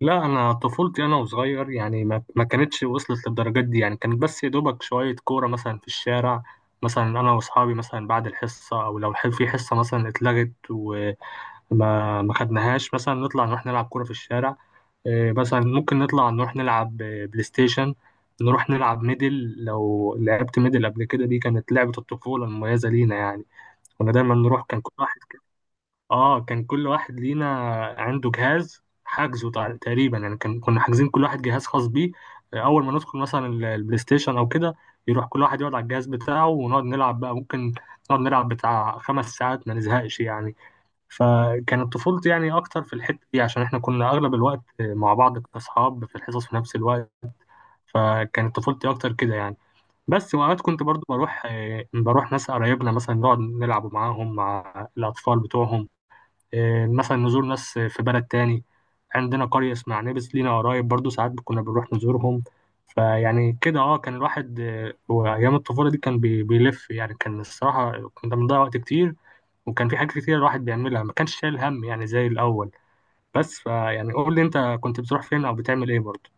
لا، انا طفولتي انا وصغير يعني ما كانتش وصلت للدرجات دي. يعني كانت بس يا دوبك شويه كوره مثلا في الشارع. مثلا انا واصحابي مثلا بعد الحصه، او لو في حصه مثلا اتلغت وما ما خدناهاش، مثلا نطلع نروح نلعب كوره في الشارع. إيه، مثلا ممكن نطلع نروح نلعب بلاي ستيشن، نروح نلعب ميدل. لو لعبت ميدل قبل كده، دي كانت لعبه الطفوله المميزه لينا يعني. كنا دايما نروح، كان كل واحد، اه كان كل واحد لينا عنده جهاز حجزه تقريبا يعني، كان كنا حاجزين كل واحد جهاز خاص بيه. آه، اول ما ندخل مثلا البلاي ستيشن او كده، يروح كل واحد يقعد على الجهاز بتاعه، ونقعد نلعب بقى. ممكن نقعد نلعب بتاع خمس ساعات ما نزهقش يعني. فكانت طفولتي يعني اكتر في الحتة دي، عشان احنا كنا اغلب الوقت مع بعض كاصحاب في الحصص في نفس الوقت. فكانت طفولتي اكتر كده يعني. بس وأوقات كنت برضو بروح ناس قرايبنا مثلا نقعد نلعب معاهم مع الأطفال بتوعهم. آه، مثلا نزور ناس في بلد تاني. عندنا قرية اسمها عنابس، لينا قرايب برضو ساعات كنا بنروح نزورهم. فيعني كده اه كان الواحد، آه، وأيام الطفولة دي كان بيلف يعني. كان الصراحة كنا بنضيع وقت كتير، وكان في حاجات كتير الواحد بيعملها ما كانش شايل هم يعني زي الأول. بس فيعني قول لي أنت كنت بتروح فين أو بتعمل إيه برضو.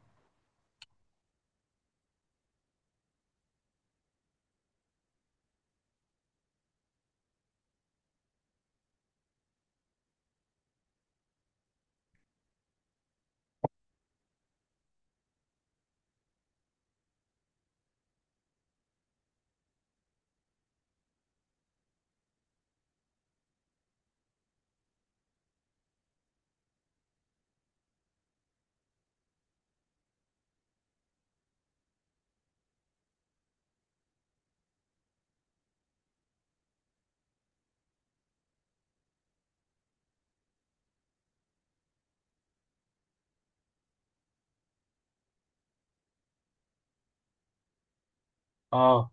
اه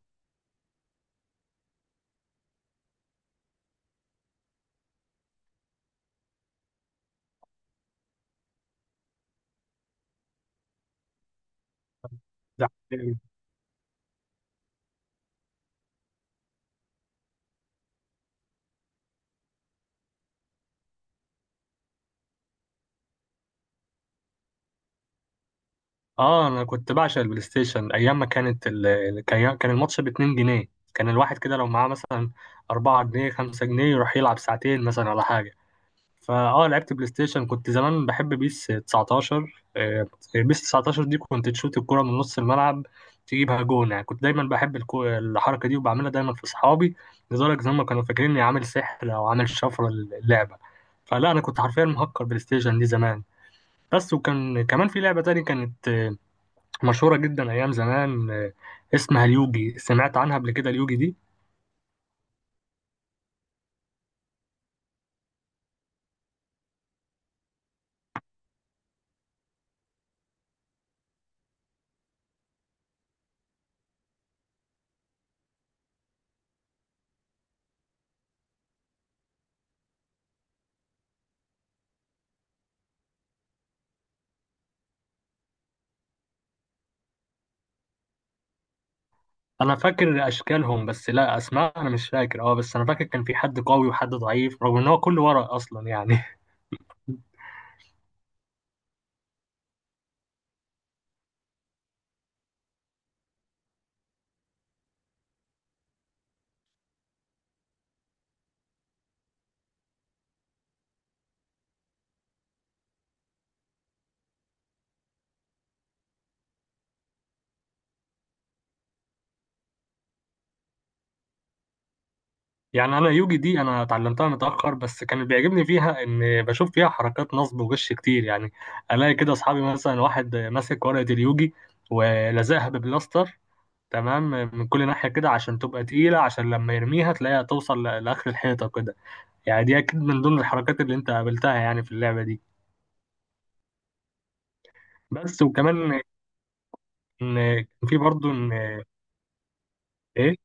ده اه، انا كنت بعشق البلاي ستيشن ايام ما كان كان الماتش ب 2 جنيه. كان الواحد كده لو معاه مثلا 4 جنيه 5 جنيه يروح يلعب ساعتين مثلا ولا حاجه. فاه لعبت بلاي ستيشن، كنت زمان بحب بيس 19. آه، بيس 19 دي كنت تشوت الكره من نص الملعب تجيبها جون يعني. كنت دايما بحب الحركه دي، وبعملها دايما في اصحابي لدرجه ان هم كانوا فاكرين اني عامل سحر او عامل شفره للعبه. فلا انا كنت حرفيا مهكر بلاي ستيشن دي زمان. بس وكان كمان في لعبه تانية كانت مشهورة جدا أيام زمان، آه، اسمها اليوجي. سمعت عنها قبل كده اليوجي دي؟ أنا فاكر أشكالهم بس لا أسماء أنا مش فاكر. أه بس أنا فاكر كان في حد قوي وحد ضعيف رغم إن هو كله ورق أصلا يعني. يعني أنا اليوجي دي أنا اتعلمتها متأخر، بس كان اللي بيعجبني فيها إن بشوف فيها حركات نصب وغش كتير يعني. ألاقي كده أصحابي مثلا واحد ماسك ورقة اليوجي ولزقها ببلاستر، تمام، من كل ناحية كده عشان تبقى تقيلة، عشان لما يرميها تلاقيها توصل لآخر الحيطة كده. يعني دي اكيد من ضمن الحركات اللي انت قابلتها يعني في اللعبه دي. بس وكمان ان، كان في برضو ان، ايه،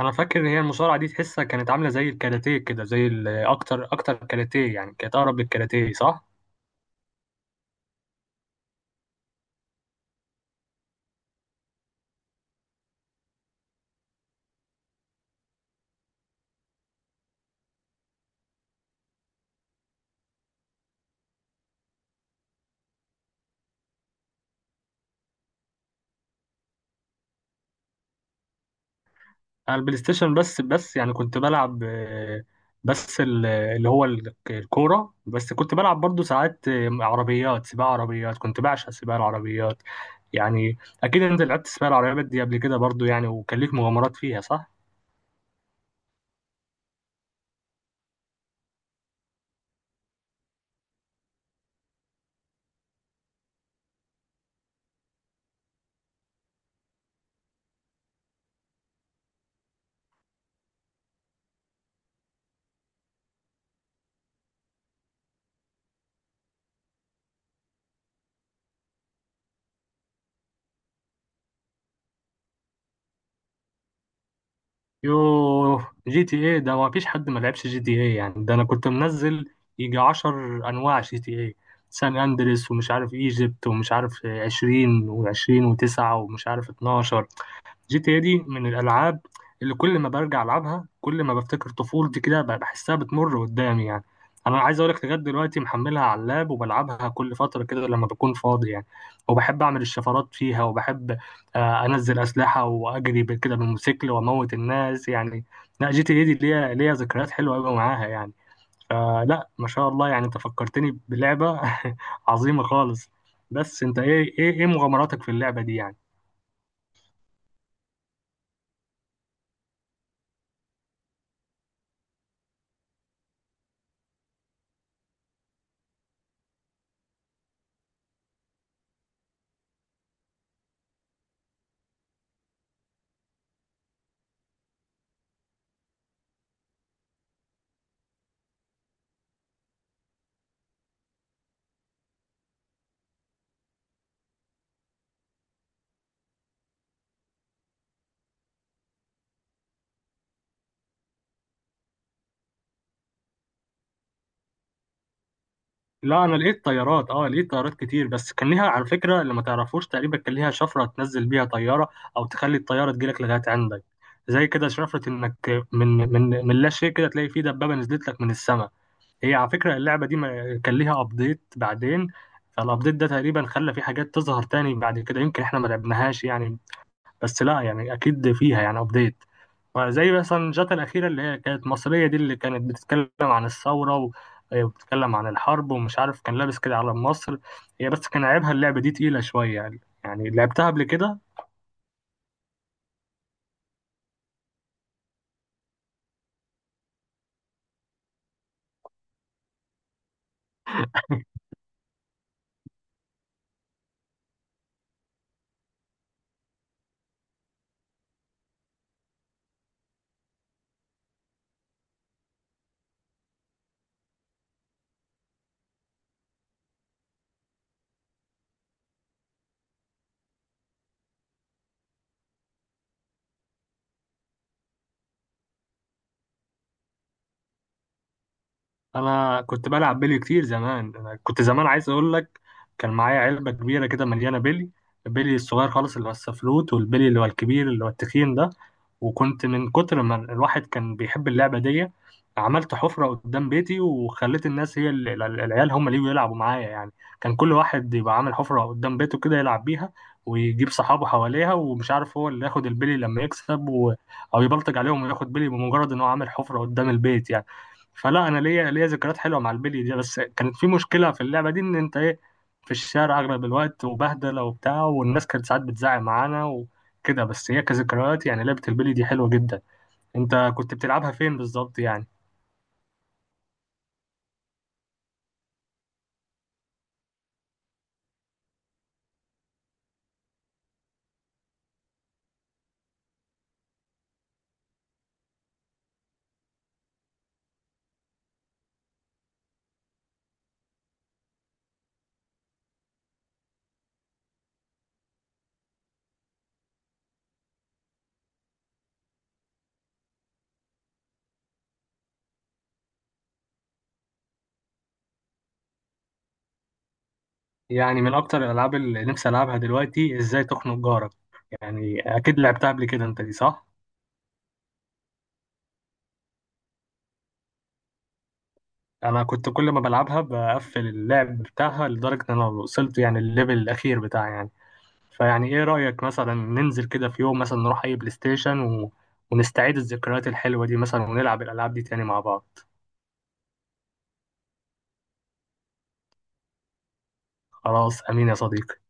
انا فاكر ان هي المصارعه دي تحسها كانت عامله زي الكاراتيه كده، زي اكتر كاراتيه يعني، كانت اقرب للكاراتيه، صح. انا البلاي ستيشن بس يعني كنت بلعب، آه، بس ال- اللي هو ال- الكوره، بس كنت بلعب برضو ساعات آه، عربيات سباق. عربيات كنت بعشق سباق العربيات يعني. اكيد انت لعبت سباق العربيات دي قبل كده برضو يعني، وكان ليك مغامرات فيها صح. يوه، جي تي ايه ده ما فيش حد ما لعبش جي تي ايه يعني. ده انا كنت منزل يجي عشر انواع جي تي ايه، سان اندريس ومش عارف ايجيبت ومش عارف عشرين وعشرين وتسعة ومش عارف اتناشر. جي تي إيه دي من الالعاب اللي كل ما برجع العبها كل ما بفتكر طفولتي كده بحسها بتمر قدامي يعني. انا عايز اقول لك لغايه دلوقتي محملها على اللاب وبلعبها كل فتره كده لما بكون فاضي يعني. وبحب اعمل الشفرات فيها، وبحب، آه، انزل اسلحه واجري كده بالموتوسيكل واموت الناس يعني. لا جي تي إيه دي ليها ذكريات حلوه قوي معاها يعني. فلا ما شاء الله يعني، انت فكرتني بلعبه عظيمه خالص. بس انت ايه ايه مغامراتك في اللعبه دي يعني. لا انا لقيت طيارات، اه لقيت طيارات كتير، بس كان ليها على فكره اللي ما تعرفوش تقريبا، كان ليها شفره تنزل بيها طياره او تخلي الطياره تجيلك لغايه عندك. زي كده شفره انك من لا شيء كده تلاقي في دبابه نزلت لك من السماء. هي على فكره اللعبه دي ما كان ليها ابديت بعدين. فالابديت ده تقريبا خلى في حاجات تظهر تاني بعد كده، يمكن احنا ما لعبناهاش يعني. بس لا يعني اكيد فيها يعني ابديت، زي مثلا الجاتا الأخيرة اللي هي كانت مصرية دي، اللي كانت بتتكلم عن وبتتكلم عن الحرب ومش عارف، كان لابس كده على مصر. هي بس كان عيبها اللعبة دي تقيلة شوية، يعني يعني لعبتها قبل كده. انا كنت بلعب بيلي كتير زمان. انا كنت زمان عايز اقول لك كان معايا علبه كبيره كده مليانه بيلي. البيلي الصغير خالص اللي هو السفلوت، والبيلي اللي هو الكبير اللي هو التخين ده. وكنت من كتر ما الواحد كان بيحب اللعبه دي، عملت حفره قدام بيتي، وخليت الناس، هي العيال هم اللي يجوا يلعبوا معايا يعني. كان كل واحد يبقى عامل حفره قدام بيته كده يلعب بيها ويجيب صحابه حواليها، ومش عارف هو اللي ياخد البيلي لما يكسب او يبلطج عليهم وياخد بيلي بمجرد ان هو عامل حفره قدام البيت يعني. فلا انا ليا ذكريات حلوه مع البلي دي. بس كانت في مشكله في اللعبه دي ان انت ايه، في الشارع اغلب الوقت وبهدله وبتاع، والناس كانت ساعات بتزعق معانا وكده. بس هي كذكريات يعني لعبه البلي دي حلوه جدا. انت كنت بتلعبها فين بالظبط يعني؟ يعني من اكتر الالعاب اللي نفسي العبها دلوقتي ازاي تخنق جارك. يعني اكيد لعبتها قبل كده انت دي صح. انا كنت كل ما بلعبها بقفل اللعب بتاعها لدرجه ان انا وصلت يعني الليفل الاخير بتاعي يعني. فيعني ايه رأيك مثلا ننزل كده في يوم مثلا نروح اي بلاي ستيشن ونستعيد الذكريات الحلوة دي مثلا ونلعب الألعاب دي تاني مع بعض. خلاص أمين يا صديقي.